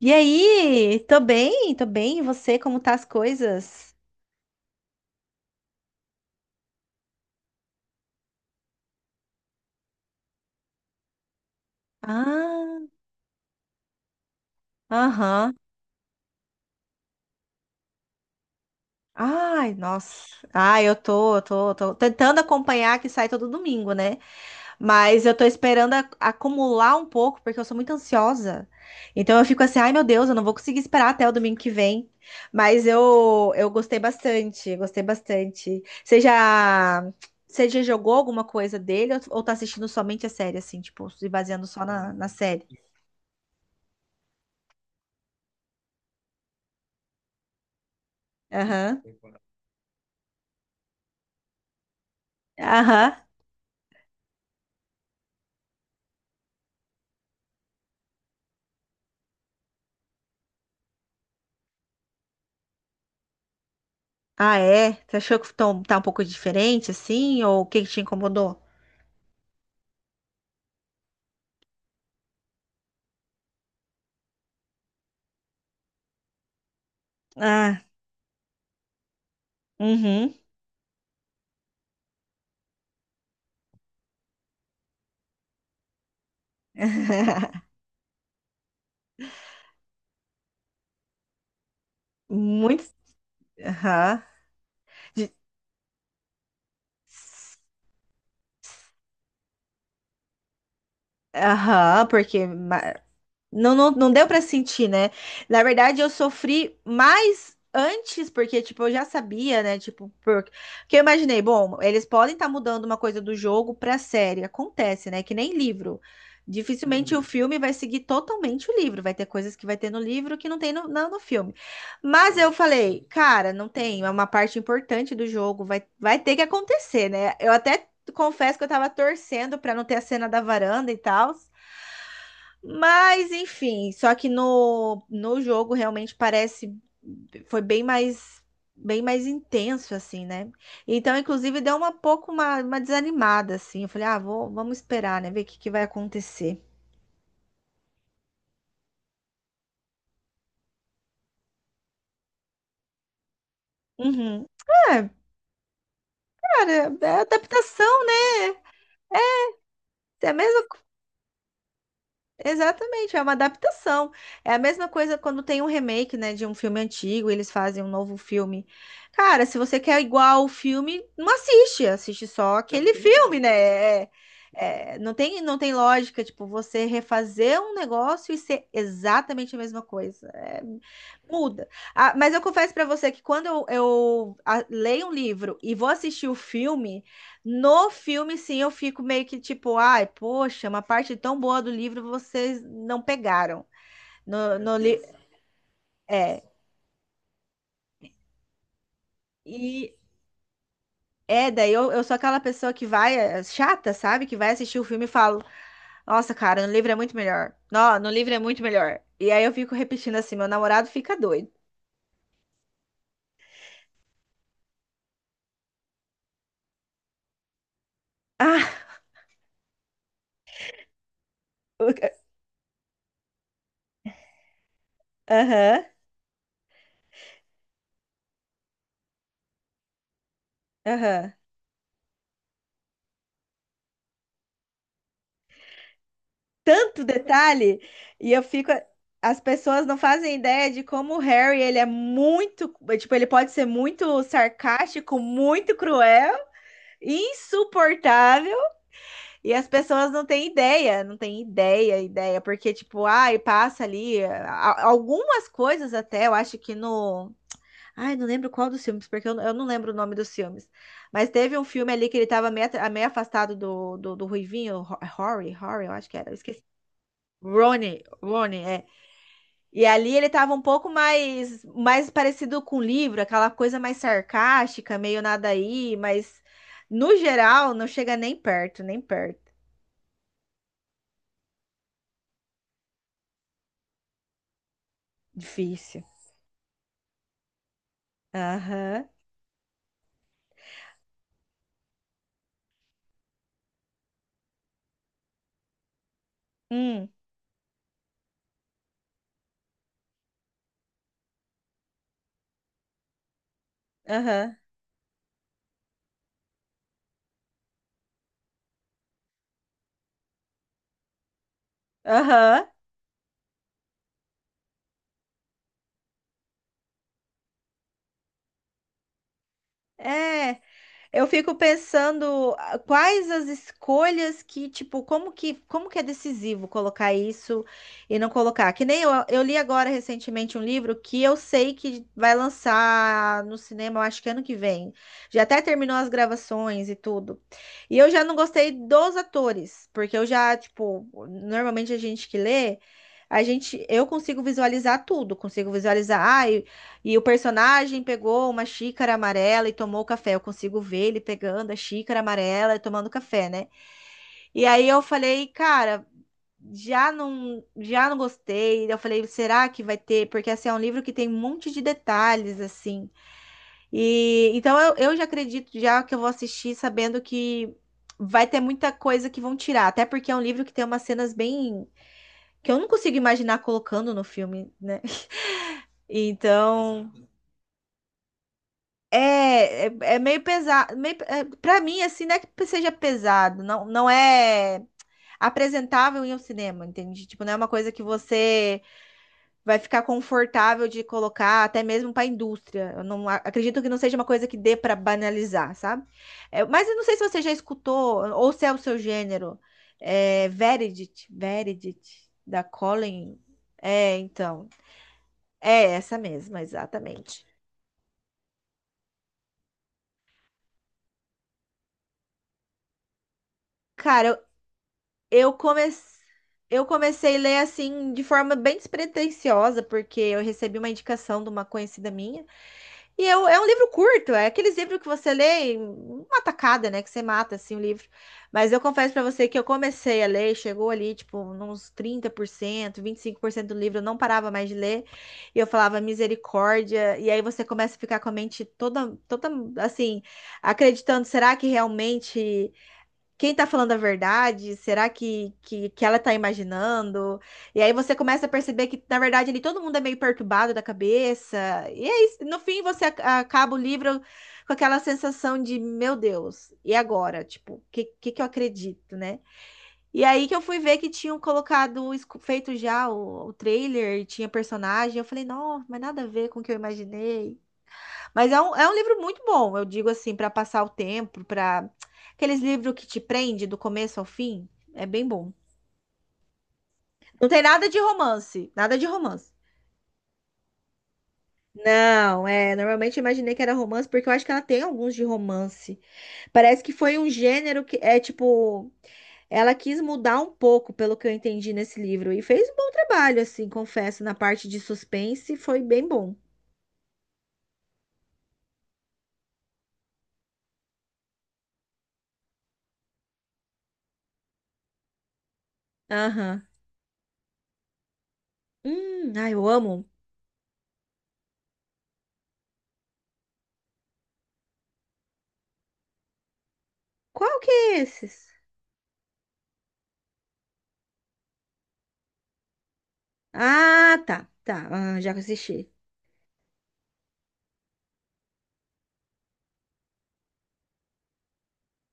E aí? Tô bem, tô bem. E você, como tá as coisas? Ah, aham. Ai, nossa. Ai, eu tô, tô tentando acompanhar que sai todo domingo, né? Mas eu tô esperando acumular um pouco, porque eu sou muito ansiosa. Então eu fico assim, ai meu Deus, eu não vou conseguir esperar até o domingo que vem. Mas eu gostei bastante, gostei bastante. Você já jogou alguma coisa dele ou tá assistindo somente a série, assim, tipo, se baseando só na série? Aham, aham. Ah, é? Você achou que tá um pouco diferente, assim? Ou o que que te incomodou? Ah, uhum. Muito. Aham. De- Aham, porque ma- Não, não, não deu pra sentir, né? Na verdade, eu sofri mais antes, porque, tipo, eu já sabia, né? Tipo, porque eu imaginei, bom, eles podem estar mudando uma coisa do jogo pra série. Acontece, né? Que nem livro. Dificilmente o Uhum. filme vai seguir totalmente o livro. Vai ter coisas que vai ter no livro que não tem não no filme. Mas eu falei, cara, não tem. É uma parte importante do jogo. Vai ter que acontecer, né? Eu até confesso que eu tava torcendo pra não ter a cena da varanda e tal. Mas, enfim, só que no jogo realmente parece foi bem mais intenso assim, né? Então, inclusive, deu uma pouco uma desanimada assim. Eu falei: "Ah, vou, vamos esperar, né, ver o que que vai acontecer". Uhum. É, cara, é adaptação, é a mesma Exatamente, é uma adaptação. É a mesma coisa quando tem um remake, né, de um filme antigo, eles fazem um novo filme. Cara, se você quer igual o filme, não assiste, assiste só aquele filme, né? É- é, não tem, não tem lógica, tipo, você refazer um negócio e ser exatamente a mesma coisa. É, muda. Ah, mas eu confesso pra você que quando leio um livro e vou assistir o filme. No filme, sim, eu fico meio que tipo, ai, poxa, uma parte tão boa do livro vocês não pegaram. No, Meu no li... Deus. É, e é, daí eu sou aquela pessoa que vai, é, chata, sabe? Que vai assistir o filme e falo, nossa, cara, no livro é muito melhor. Não, no livro é muito melhor. E aí eu fico repetindo assim, meu namorado fica doido. Ah, o- aham, aham. tanto detalhe e eu fico. As pessoas não fazem ideia de como o Harry, ele é muito, tipo, ele pode ser muito sarcástico, muito cruel, insuportável, e as pessoas não têm ideia, não têm ideia, ideia, porque tipo, ai, passa ali algumas coisas até, eu acho que no, ai, não lembro qual dos filmes, porque eu não lembro o nome dos filmes, mas teve um filme ali que ele tava meio, meio afastado do Ruivinho, Rory, Rory, eu acho que era, eu Ronnie, Ronnie, é. E ali ele tava um pouco mais, mais parecido com o livro, aquela coisa mais sarcástica, meio nada aí, mas no geral não chega nem perto, nem perto. Difícil. Aham. Hum, aham. Aham. É. Eu fico pensando ah, quais as escolhas que, tipo, como que é decisivo colocar isso e não colocar? Que nem eu li agora recentemente um livro que eu sei que vai lançar no cinema, eu acho que ano que vem. Já até terminou as gravações e tudo. E eu já não gostei dos atores, porque eu já, tipo, normalmente a gente que lê, a gente, eu consigo visualizar tudo, consigo visualizar, ah, e o personagem pegou uma xícara amarela e tomou café. Eu consigo ver ele pegando a xícara amarela e tomando café, né? E aí eu falei, cara, já não gostei. Eu falei, será que vai ter? Porque assim, é um livro que tem um monte de detalhes, assim. E então eu já acredito já que eu vou assistir sabendo que vai ter muita coisa que vão tirar, até porque é um livro que tem umas cenas bem que eu não consigo imaginar colocando no filme, né? Então, é meio pesado, meio, é, pra mim, assim, não é que seja pesado, não é apresentável em um cinema, entende? Tipo, não é uma coisa que você vai ficar confortável de colocar, até mesmo pra indústria. Eu não acredito que não seja uma coisa que dê pra banalizar, sabe? É, mas eu não sei se você já escutou, ou se é o seu gênero, é, Verity, da Colin. É, então, é essa mesma, exatamente. Cara, Eu comecei, eu comecei a ler assim de forma bem despretensiosa, porque eu recebi uma indicação de uma conhecida minha. E eu, é um livro curto, é aqueles livros que você lê em uma tacada, né? Que você mata assim o livro. Mas eu confesso pra você que eu comecei a ler, chegou ali, tipo, uns 30%, 25% do livro, eu não parava mais de ler. E eu falava misericórdia. E aí você começa a ficar com a mente toda, toda assim, acreditando, será que realmente quem tá falando a verdade? Será que ela tá imaginando? E aí você começa a perceber que, na verdade, ali todo mundo é meio perturbado da cabeça. E aí, no fim, você acaba o livro com aquela sensação de, meu Deus, e agora? Tipo, o que eu acredito, né? E aí que eu fui ver que tinham colocado, feito já o trailer, e tinha personagem. Eu falei, não, mas nada a ver com o que eu imaginei. Mas é é um livro muito bom, eu digo assim, para passar o tempo, para aqueles livros que te prende do começo ao fim, é bem bom. Não tem nada de romance, nada de romance. Não, é, normalmente eu imaginei que era romance, porque eu acho que ela tem alguns de romance. Parece que foi um gênero que é tipo, ela quis mudar um pouco, pelo que eu entendi nesse livro, e fez um bom trabalho, assim, confesso, na parte de suspense, foi bem bom. Aham. Ai, eu amo. Qual que é esses? Ah, tá, tá. Ah, já assisti.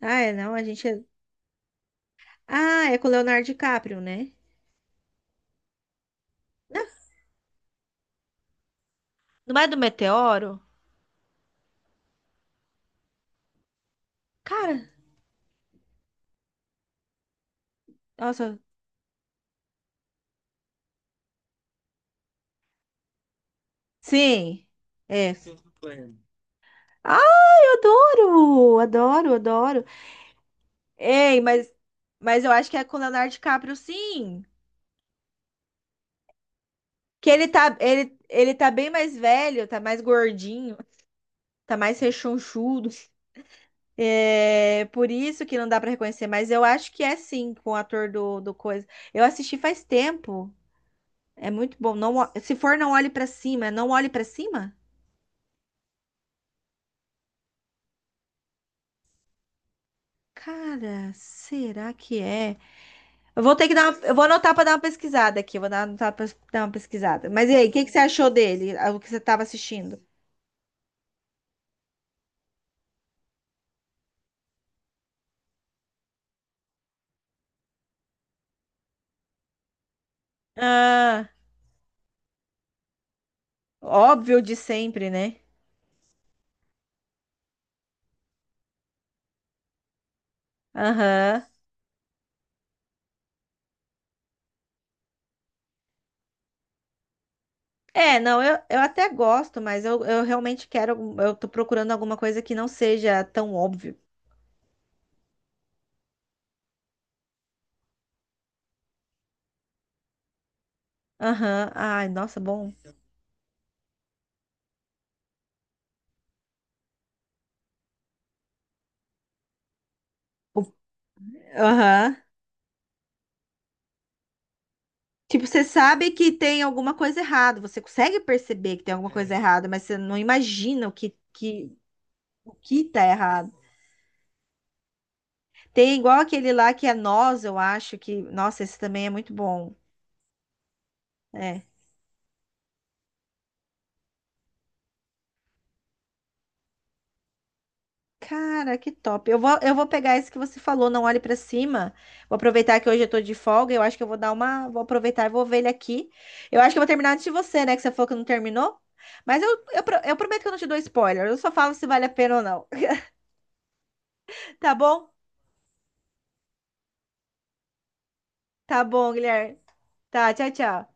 Ah, é, não, a gente é... Ah, é com o Leonardo DiCaprio, né? Não, não é do Meteoro? Cara, nossa. Sim, é. Ah, eu adoro, adoro, adoro. Ei, mas eu acho que é com o Leonardo DiCaprio, sim. Que ele tá, ele tá bem mais velho, tá mais gordinho, tá mais rechonchudo. É por isso que não dá pra reconhecer, mas eu acho que é sim com o ator do coisa. Eu assisti faz tempo. É muito bom. Não, se for, não olhe pra cima. É Não olhe pra cima? Cara, será que é? Eu vou ter que dar uma, eu vou anotar pra dar uma pesquisada aqui. Eu Vou dar, anotar pra dar uma pesquisada. Mas e aí, o que que você achou dele? Ah, O que você tava assistindo? Ah, óbvio de sempre, né? Aham. É, não, eu até gosto, mas eu realmente quero. Eu tô procurando alguma coisa que não seja tão óbvio. Aham. Ai, nossa, bom. O- Aham. Tipo, você sabe que tem alguma coisa errada, você consegue perceber que tem alguma coisa errada, mas você não imagina o o que tá errado. Tem igual aquele lá que é Nós, eu acho que. Nossa, esse também é muito bom. É. Cara, que top. Eu vou pegar esse que você falou, não olhe pra cima. Vou aproveitar que hoje eu tô de folga. Eu acho que eu vou dar uma. Vou aproveitar e vou ver ele aqui. Eu acho que eu vou terminar antes de você, né? Que você falou que não terminou. Mas eu prometo que eu não te dou spoiler. Eu só falo se vale a pena ou não. Tá bom? Tá bom, Guilherme. Tá, tchau, tchau.